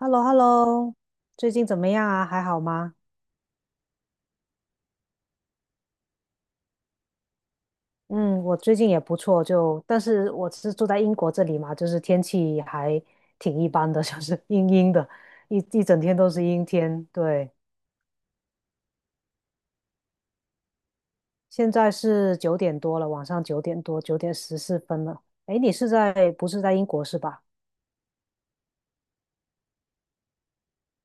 h e l l o h e l l o 最近怎么样啊？还好吗？嗯，我最近也不错，就但是我是住在英国这里嘛，就是天气还挺一般的，就是阴阴的，一整天都是阴天。对，现在是九点多了，晚上九点多，9:14了。哎，你是在不是在英国是吧？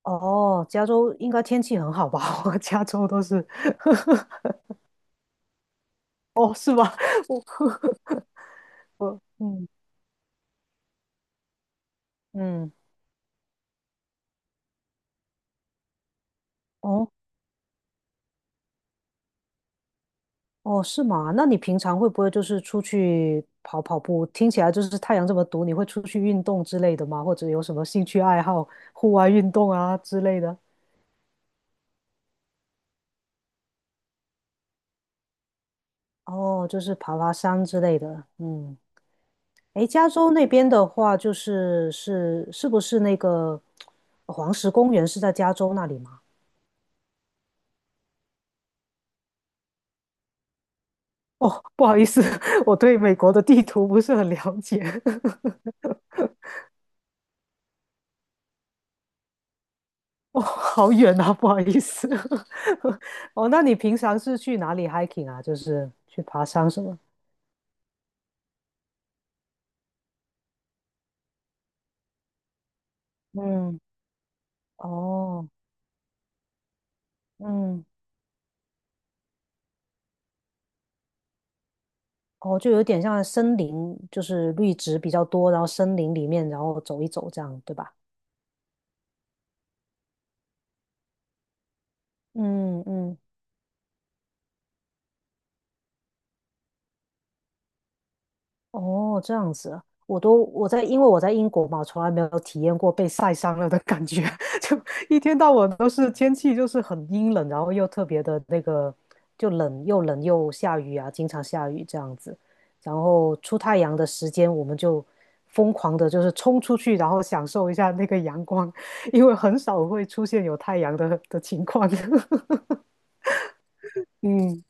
哦，加州应该天气很好吧？我加州都是，哦，是吧？我 我嗯嗯。哦哦，是吗？那你平常会不会就是出去跑跑步？听起来就是太阳这么毒，你会出去运动之类的吗？或者有什么兴趣爱好，户外运动啊之类的？哦，就是爬爬山之类的。嗯，诶，加州那边的话，就是是不是那个黄石公园是在加州那里吗？哦，不好意思，我对美国的地图不是很了解。哦，好远啊，不好意思。哦，那你平常是去哪里 hiking 啊？就是去爬山什么？嗯，哦，嗯，哦，就有点像森林，就是绿植比较多，然后森林里面，然后走一走这样，对吧？嗯嗯，哦，这样子啊，我在，因为我在英国嘛，从来没有体验过被晒伤了的感觉，就一天到晚都是天气就是很阴冷，然后又特别的那个，就冷又冷又下雨啊，经常下雨这样子，然后出太阳的时间我们就疯狂的就是冲出去，然后享受一下那个阳光，因为很少会出现有太阳的情况。嗯，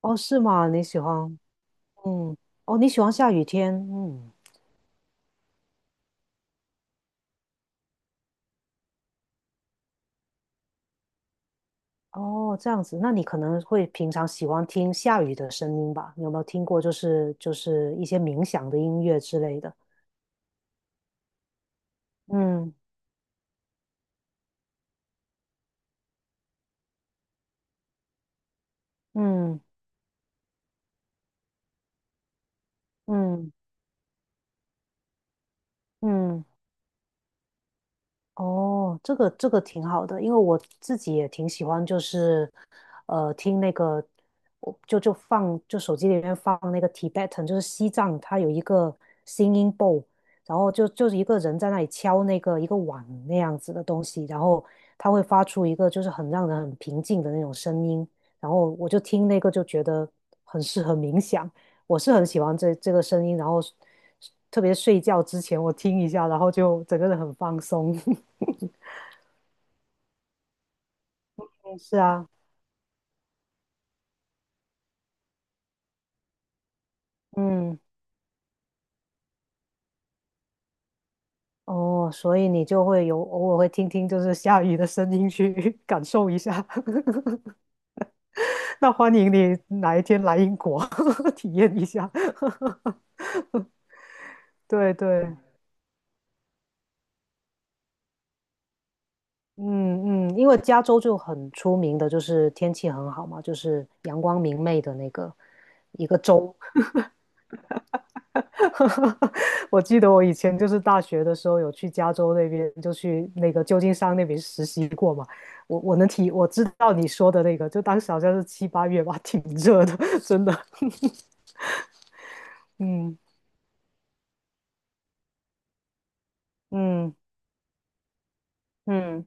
哦，是吗？你喜欢？嗯，哦，你喜欢下雨天？嗯。哦，这样子，那你可能会平常喜欢听下雨的声音吧？你有没有听过，就是一些冥想的音乐之类的？嗯嗯嗯嗯嗯哦，这个这个挺好的，因为我自己也挺喜欢，就是听那个，我就就放就手机里面放那个 Tibetan,就是西藏，它有一个 singing bowl，然后就是一个人在那里敲那个一个碗那样子的东西，然后它会发出一个就是很让人很平静的那种声音，然后我就听那个就觉得很适合冥想，我是很喜欢这个声音，然后特别睡觉之前我听一下，然后就整个人很放松。是啊，嗯，哦，所以你就会有偶尔会听听就是下雨的声音去 感受一下。那欢迎你哪一天来英国 体验一下。对对，嗯嗯，因为加州就很出名的就是天气很好嘛，就是阳光明媚的那个一个州 我记得我以前就是大学的时候有去加州那边，就去那个旧金山那边实习过嘛。我我能体我知道你说的那个，就当时好像是7、8月吧，挺热的，真的。嗯嗯嗯，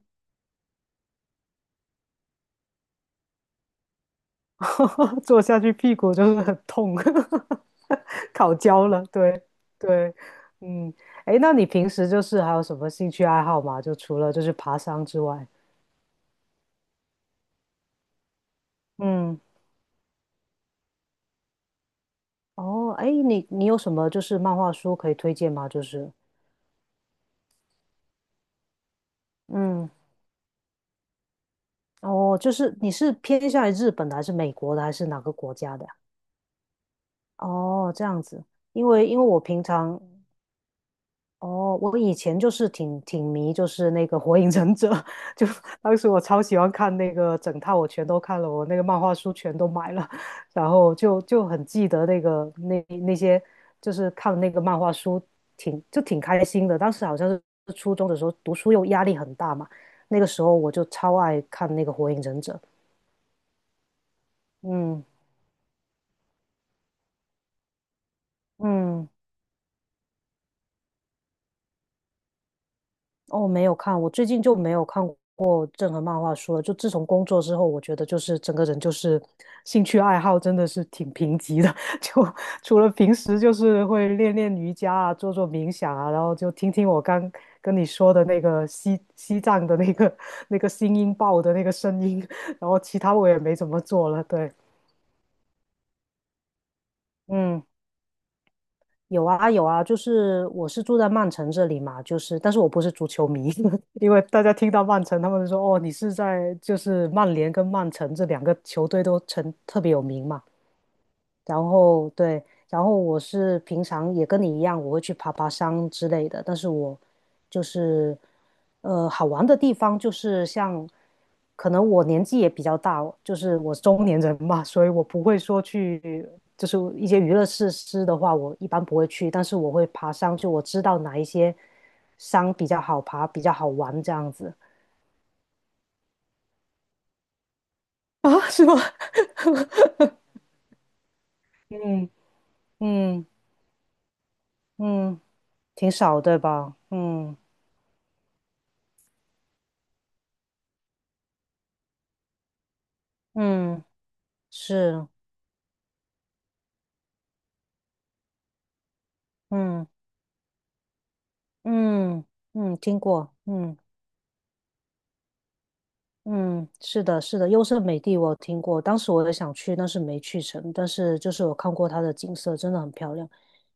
坐下去屁股就是很痛，烤焦了。对对，嗯，哎，那你平时就是还有什么兴趣爱好吗？就除了就是爬山之外，嗯。哦，哎，你你有什么就是漫画书可以推荐吗？就是，嗯，哦，就是你是偏向于日本的，还是美国的，还是哪个国家的呀哦，这样子，因为因为我平常哦，我以前就是挺迷，就是那个《火影忍者》，就当时我超喜欢看那个整套，我全都看了，我那个漫画书全都买了，然后就就很记得那个那些，就是看那个漫画书挺就挺开心的。当时好像是初中的时候，读书又压力很大嘛，那个时候我就超爱看那个《火影忍者》。嗯嗯哦，没有看，我最近就没有看过任何漫画书了。就自从工作之后，我觉得就是整个人就是兴趣爱好真的是挺贫瘠的。就除了平时就是会练练瑜伽啊，做做冥想啊，然后就听听我刚跟你说的那个西藏的那个 那个新音报的那个声音，然后其他我也没怎么做了。对，嗯。有啊有啊，就是我是住在曼城这里嘛，就是但是我不是足球迷，因为大家听到曼城，他们就说哦，你是在就是曼联跟曼城这两个球队都成特别有名嘛，然后对，然后我是平常也跟你一样，我会去爬爬山之类的，但是我就是，呃，好玩的地方就是像，可能我年纪也比较大，就是我中年人嘛，所以我不会说去，就是一些娱乐设施的话，我一般不会去，但是我会爬山，就我知道哪一些山比较好爬，比较好玩这样子。啊，是吗？嗯嗯嗯，挺少，对吧？嗯。嗯是，嗯嗯嗯，听过，嗯。嗯，是的，是的，优胜美地我有听过，当时我也想去，但是没去成。但是就是我看过它的景色，真的很漂亮。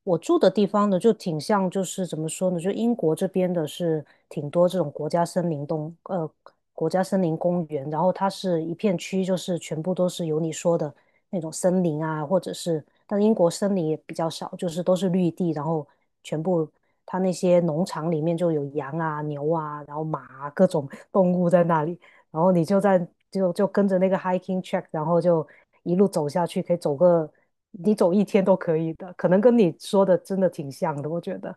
我住的地方呢，就挺像，就是怎么说呢，就英国这边的是挺多这种国家森林公园，然后它是一片区，就是全部都是有你说的那种森林啊，或者是，但英国森林也比较少，就是都是绿地，然后全部它那些农场里面就有羊啊、牛啊，然后马啊，各种动物在那里。然后你就在就就跟着那个 hiking track，然后就一路走下去，可以走个你走一天都可以的，可能跟你说的真的挺像的，我觉得。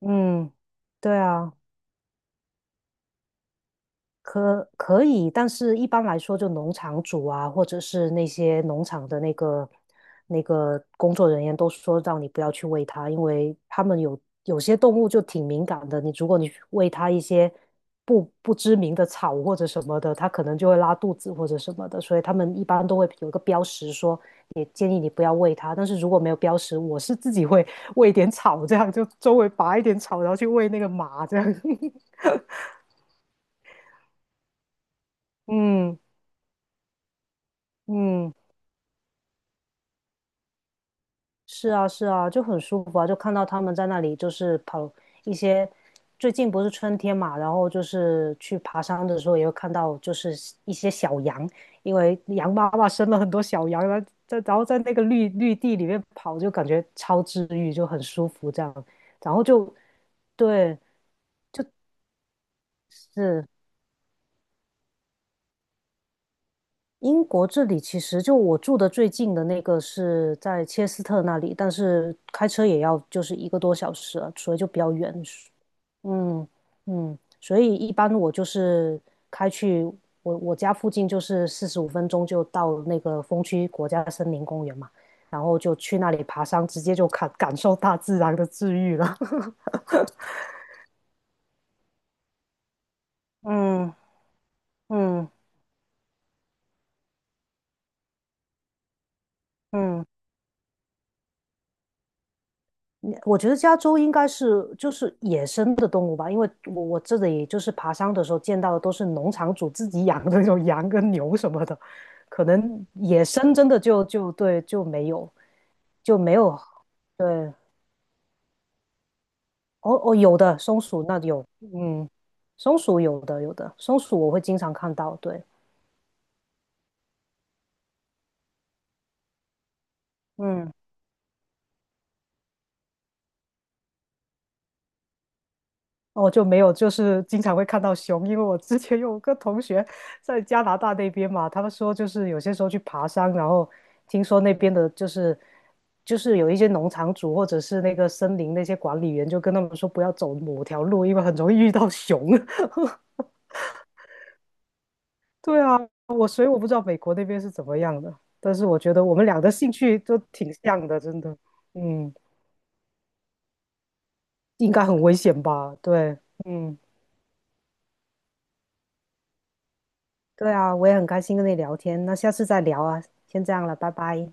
嗯，对啊，可以，但是一般来说，就农场主啊，或者是那些农场的那个工作人员都说让你不要去喂它，因为他们有有些动物就挺敏感的，你如果你喂它一些不知名的草或者什么的，它可能就会拉肚子或者什么的，所以他们一般都会有一个标识说，也建议你不要喂它。但是如果没有标识，我是自己会 喂一点草，这样就周围拔一点草，然后去喂那个马，这样。嗯嗯。是啊，是啊，就很舒服啊，就看到他们在那里就是跑一些，最近不是春天嘛，然后就是去爬山的时候也会看到就是一些小羊，因为羊妈妈生了很多小羊，然后在那个绿地里面跑，就感觉超治愈，就很舒服这样，然后就对，是英国这里其实就我住的最近的那个是在切斯特那里，但是开车也要就是一个多小时啊所以就比较远，嗯嗯，所以一般我就是开去我家附近，就是45分钟就到那个风区国家森林公园嘛，然后就去那里爬山，直接就感受大自然的治愈了。嗯嗯嗯，我觉得加州应该是就是野生的动物吧，因为我这里就是爬山的时候见到的都是农场主自己养的那种羊跟牛什么的，可能野生真的就没有，对哦哦，有的松鼠那有，嗯，松鼠有的有的，松鼠我会经常看到，对，嗯，哦就没有，就是经常会看到熊，因为我之前有个同学在加拿大那边嘛，他们说就是有些时候去爬山，然后听说那边的就是有一些农场主或者是那个森林那些管理员就跟他们说不要走某条路，因为很容易遇到熊。对啊，我所以我不知道美国那边是怎么样的，但是我觉得我们俩的兴趣都挺像的，真的。嗯，应该很危险吧？对，嗯，对啊，我也很开心跟你聊天，那下次再聊啊，先这样了，拜拜。